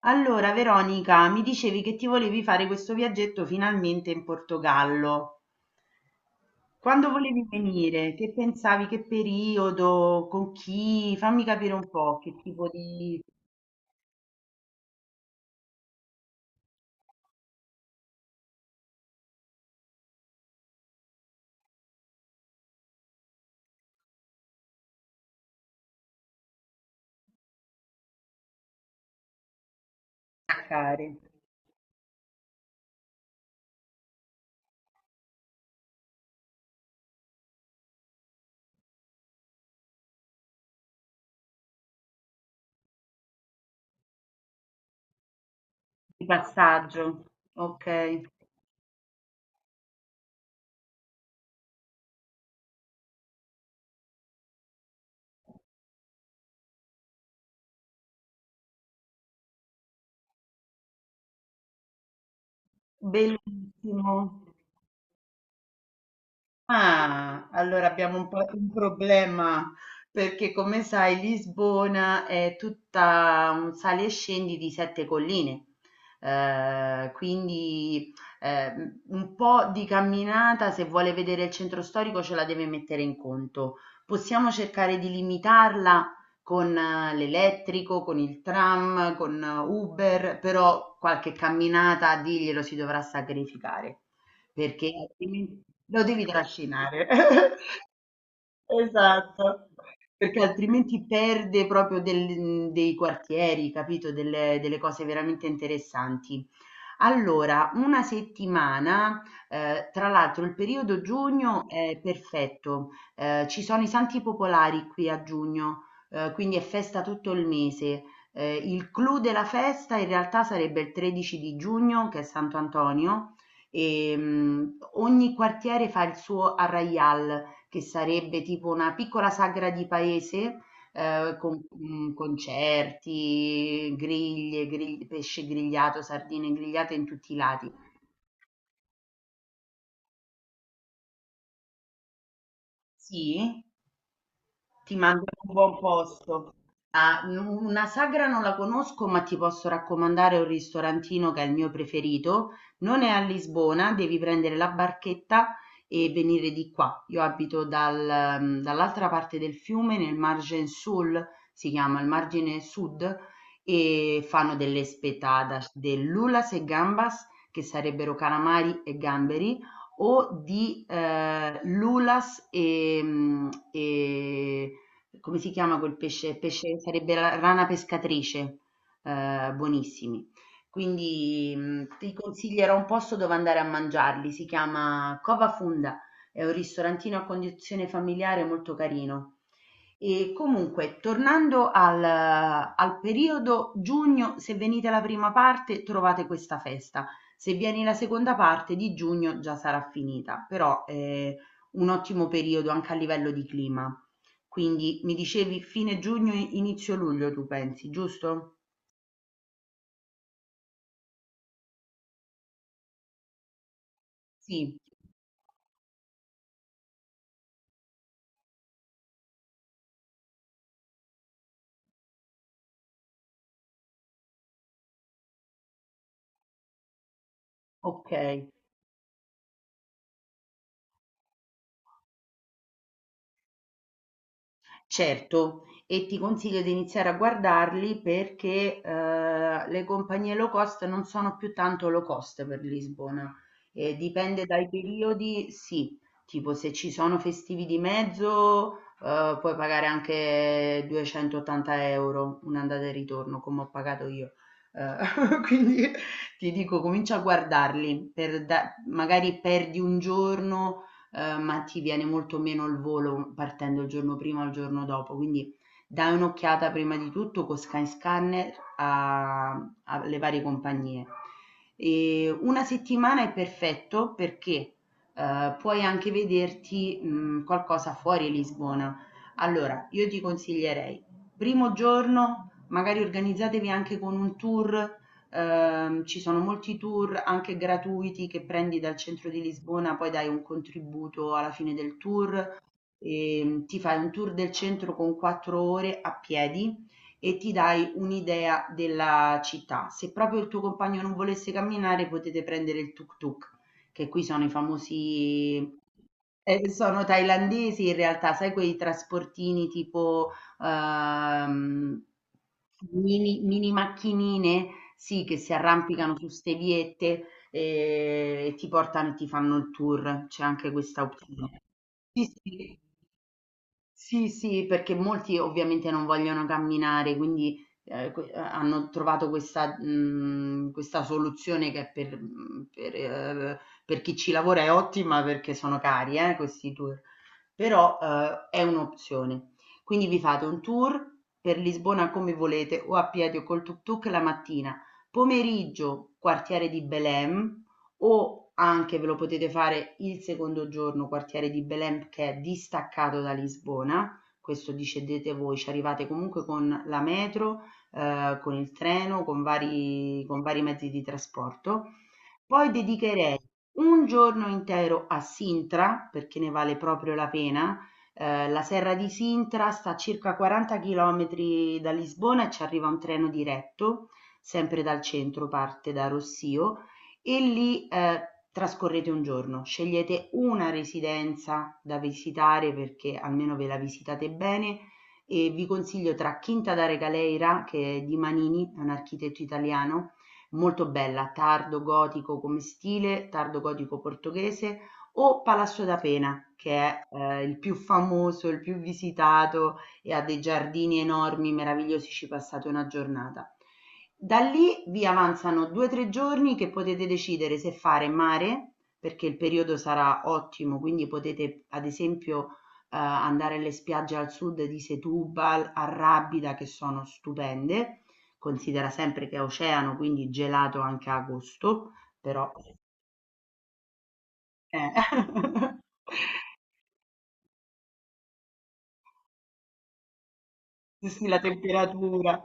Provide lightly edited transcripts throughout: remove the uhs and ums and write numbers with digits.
Allora Veronica, mi dicevi che ti volevi fare questo viaggetto finalmente in Portogallo. Quando volevi venire? Che pensavi? Che periodo? Con chi? Fammi capire un po' che tipo di passaggio. Ok, bellissimo. Ah, allora abbiamo un po' un problema perché come sai Lisbona è tutta un sali e scendi di sette colline. Quindi eh, un po' di camminata se vuole vedere il centro storico ce la deve mettere in conto. Possiamo cercare di limitarla con l'elettrico, con il tram, con Uber, però qualche camminata diglielo si dovrà sacrificare perché altrimenti lo devi trascinare. Esatto, perché altrimenti perde proprio del dei quartieri, capito, delle cose veramente interessanti. Allora, una settimana, tra l'altro il periodo giugno è perfetto. Ci sono i santi popolari qui a giugno, quindi è festa tutto il mese. Il clou della festa in realtà sarebbe il 13 di giugno, che è Santo Antonio, e ogni quartiere fa il suo arraial, che sarebbe tipo una piccola sagra di paese, con, concerti, griglie, grigl pesce grigliato, sardine grigliate in tutti i lati. Sì? Ti mando in un buon posto. Ah, una sagra non la conosco, ma ti posso raccomandare un ristorantino che è il mio preferito. Non è a Lisbona, devi prendere la barchetta e venire di qua. Io abito dall'altra parte del fiume, nel margine sul, si chiama il margine sud, e fanno delle spettadas dell'ulas e gambas, che sarebbero calamari e gamberi, o di lulas e come si chiama quel pesce? Pesce sarebbe la rana pescatrice, buonissimi. Quindi, ti consiglierò un posto dove andare a mangiarli, si chiama Cova Funda, è un ristorantino a condizione familiare molto carino. E comunque, tornando al periodo giugno, se venite alla prima parte trovate questa festa, se vieni la seconda parte di giugno già sarà finita, però è un ottimo periodo anche a livello di clima. Quindi mi dicevi fine giugno, inizio luglio tu pensi, giusto? Sì, ok. Certo, e ti consiglio di iniziare a guardarli perché le compagnie low cost non sono più tanto low cost per Lisbona. Dipende dai periodi, sì, tipo se ci sono festivi di mezzo puoi pagare anche 280 euro un'andata e ritorno come ho pagato io. Eh, quindi ti dico, comincia a guardarli, magari perdi un giorno, ma ti viene molto meno il volo partendo il giorno prima o il giorno dopo, quindi dai un'occhiata prima di tutto con Skyscanner alle varie compagnie. E una settimana è perfetto perché puoi anche vederti qualcosa fuori Lisbona. Allora, io ti consiglierei, primo giorno, magari organizzatevi anche con un tour. Ci sono molti tour anche gratuiti che prendi dal centro di Lisbona, poi dai un contributo alla fine del tour. Ti fai un tour del centro con 4 ore a piedi e ti dai un'idea della città. Se proprio il tuo compagno non volesse camminare, potete prendere il tuk-tuk, che qui sono i famosi. Sono thailandesi in realtà, sai quei trasportini tipo ehm, mini, mini macchinine, sì, che si arrampicano su ste viette, e ti portano e ti fanno il tour, c'è anche questa opzione. Sì, sì. Sì, sì, perché molti ovviamente non vogliono camminare, quindi, que hanno trovato questa soluzione che è per mhmm, per chi ci lavora è ottima perché sono cari, questi tour, però, è un'opzione. Quindi vi fate un tour per Lisbona come volete, o a piedi o col tuk tuk la mattina, pomeriggio quartiere di Belém, o anche ve lo potete fare il secondo giorno, quartiere di Belém che è distaccato da Lisbona, questo decidete voi, ci arrivate comunque con la metro, con il treno, con vari mezzi di trasporto. Poi dedicherei un giorno intero a Sintra, perché ne vale proprio la pena. La Serra di Sintra sta a circa 40 km da Lisbona e ci arriva un treno diretto, sempre dal centro, parte da Rossio e lì trascorrete un giorno, scegliete una residenza da visitare perché almeno ve la visitate bene, e vi consiglio tra Quinta da Regaleira, che è di Manini, è un architetto italiano, molto bella, tardo gotico come stile, tardo gotico portoghese, o Palazzo da Pena, che è il più famoso, il più visitato, e ha dei giardini enormi, meravigliosi, ci passate una giornata. Da lì vi avanzano 2-3 giorni che potete decidere se fare mare, perché il periodo sarà ottimo, quindi potete ad esempio andare alle spiagge al sud di Setúbal, a Rábida, che sono stupende. Considera sempre che è oceano, quindi gelato anche a agosto, però eh, sì, la temperatura.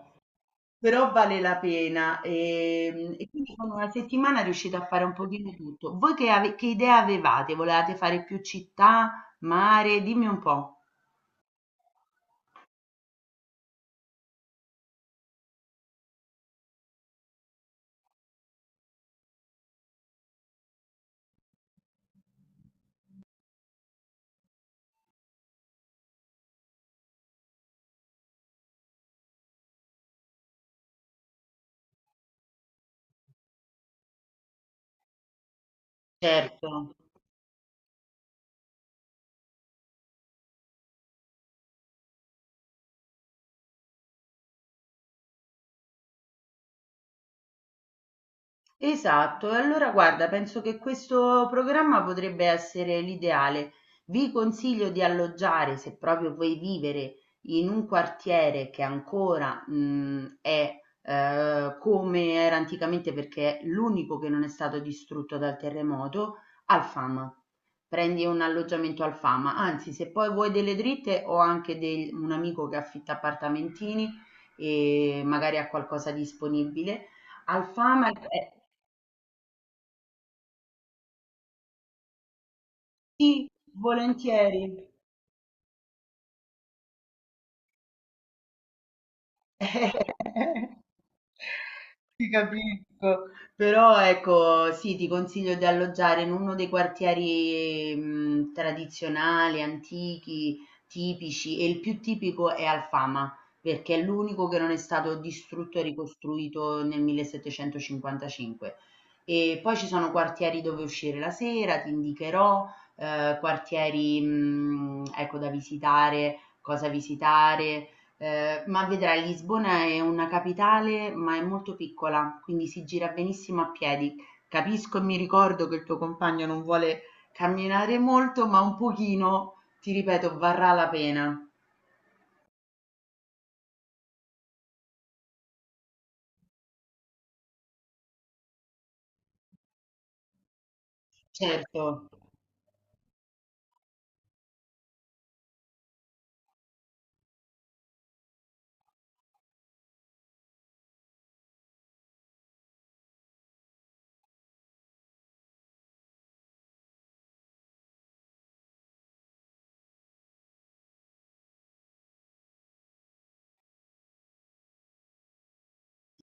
Però vale la pena, e quindi con una settimana riuscite a fare un pochino tutto. Voi che, che idea avevate? Volevate fare più città, mare? Dimmi un po'. Certo. Esatto, e allora guarda, penso che questo programma potrebbe essere l'ideale. Vi consiglio di alloggiare, se proprio vuoi vivere in un quartiere che ancora è come era anticamente, perché è l'unico che non è stato distrutto dal terremoto, al Fama. Prendi un alloggiamento al Fama. Anzi, se poi vuoi delle dritte, ho anche un amico che affitta appartamentini e magari ha qualcosa disponibile. Alfama è, sì, volentieri. Ti capisco, però ecco, sì, ti consiglio di alloggiare in uno dei quartieri tradizionali, antichi, tipici e il più tipico è Alfama, perché è l'unico che non è stato distrutto e ricostruito nel 1755. E poi ci sono quartieri dove uscire la sera, ti indicherò, quartieri, ecco, da visitare, cosa visitare. Ma vedrai, Lisbona è una capitale, ma è molto piccola, quindi si gira benissimo a piedi. Capisco e mi ricordo che il tuo compagno non vuole camminare molto, ma un pochino, ti ripeto, varrà la pena. Certo,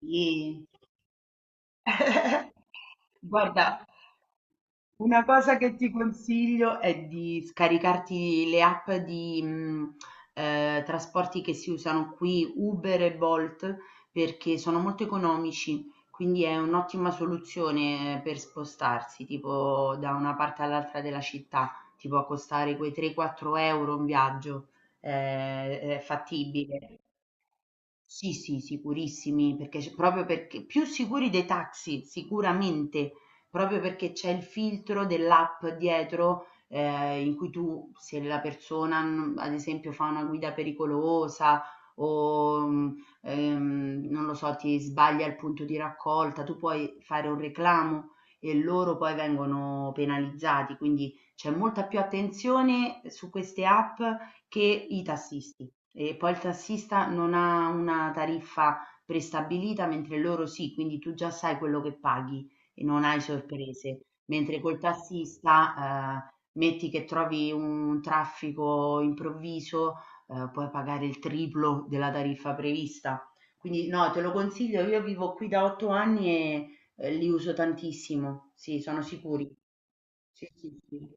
sì. Guarda, una cosa che ti consiglio è di scaricarti le app di trasporti che si usano qui, Uber e Bolt, perché sono molto economici, quindi è un'ottima soluzione per spostarsi, tipo da una parte all'altra della città, ti può costare quei 3-4 euro un viaggio, è fattibile. Sì, sì, sicurissimi, perché c proprio perché più sicuri dei taxi, sicuramente, proprio perché c'è il filtro dell'app dietro, in cui tu, se la persona, ad esempio, fa una guida pericolosa o, non lo so, ti sbaglia il punto di raccolta, tu puoi fare un reclamo e loro poi vengono penalizzati, quindi c'è molta più attenzione su queste app che i tassisti. E poi il tassista non ha una tariffa prestabilita, mentre loro sì, quindi tu già sai quello che paghi e non hai sorprese. Mentre col tassista, metti che trovi un traffico improvviso, puoi pagare il triplo della tariffa prevista. Quindi no, te lo consiglio, io vivo qui da 8 anni e li uso tantissimo, sì, sono sicuri. Sì, sì, sì.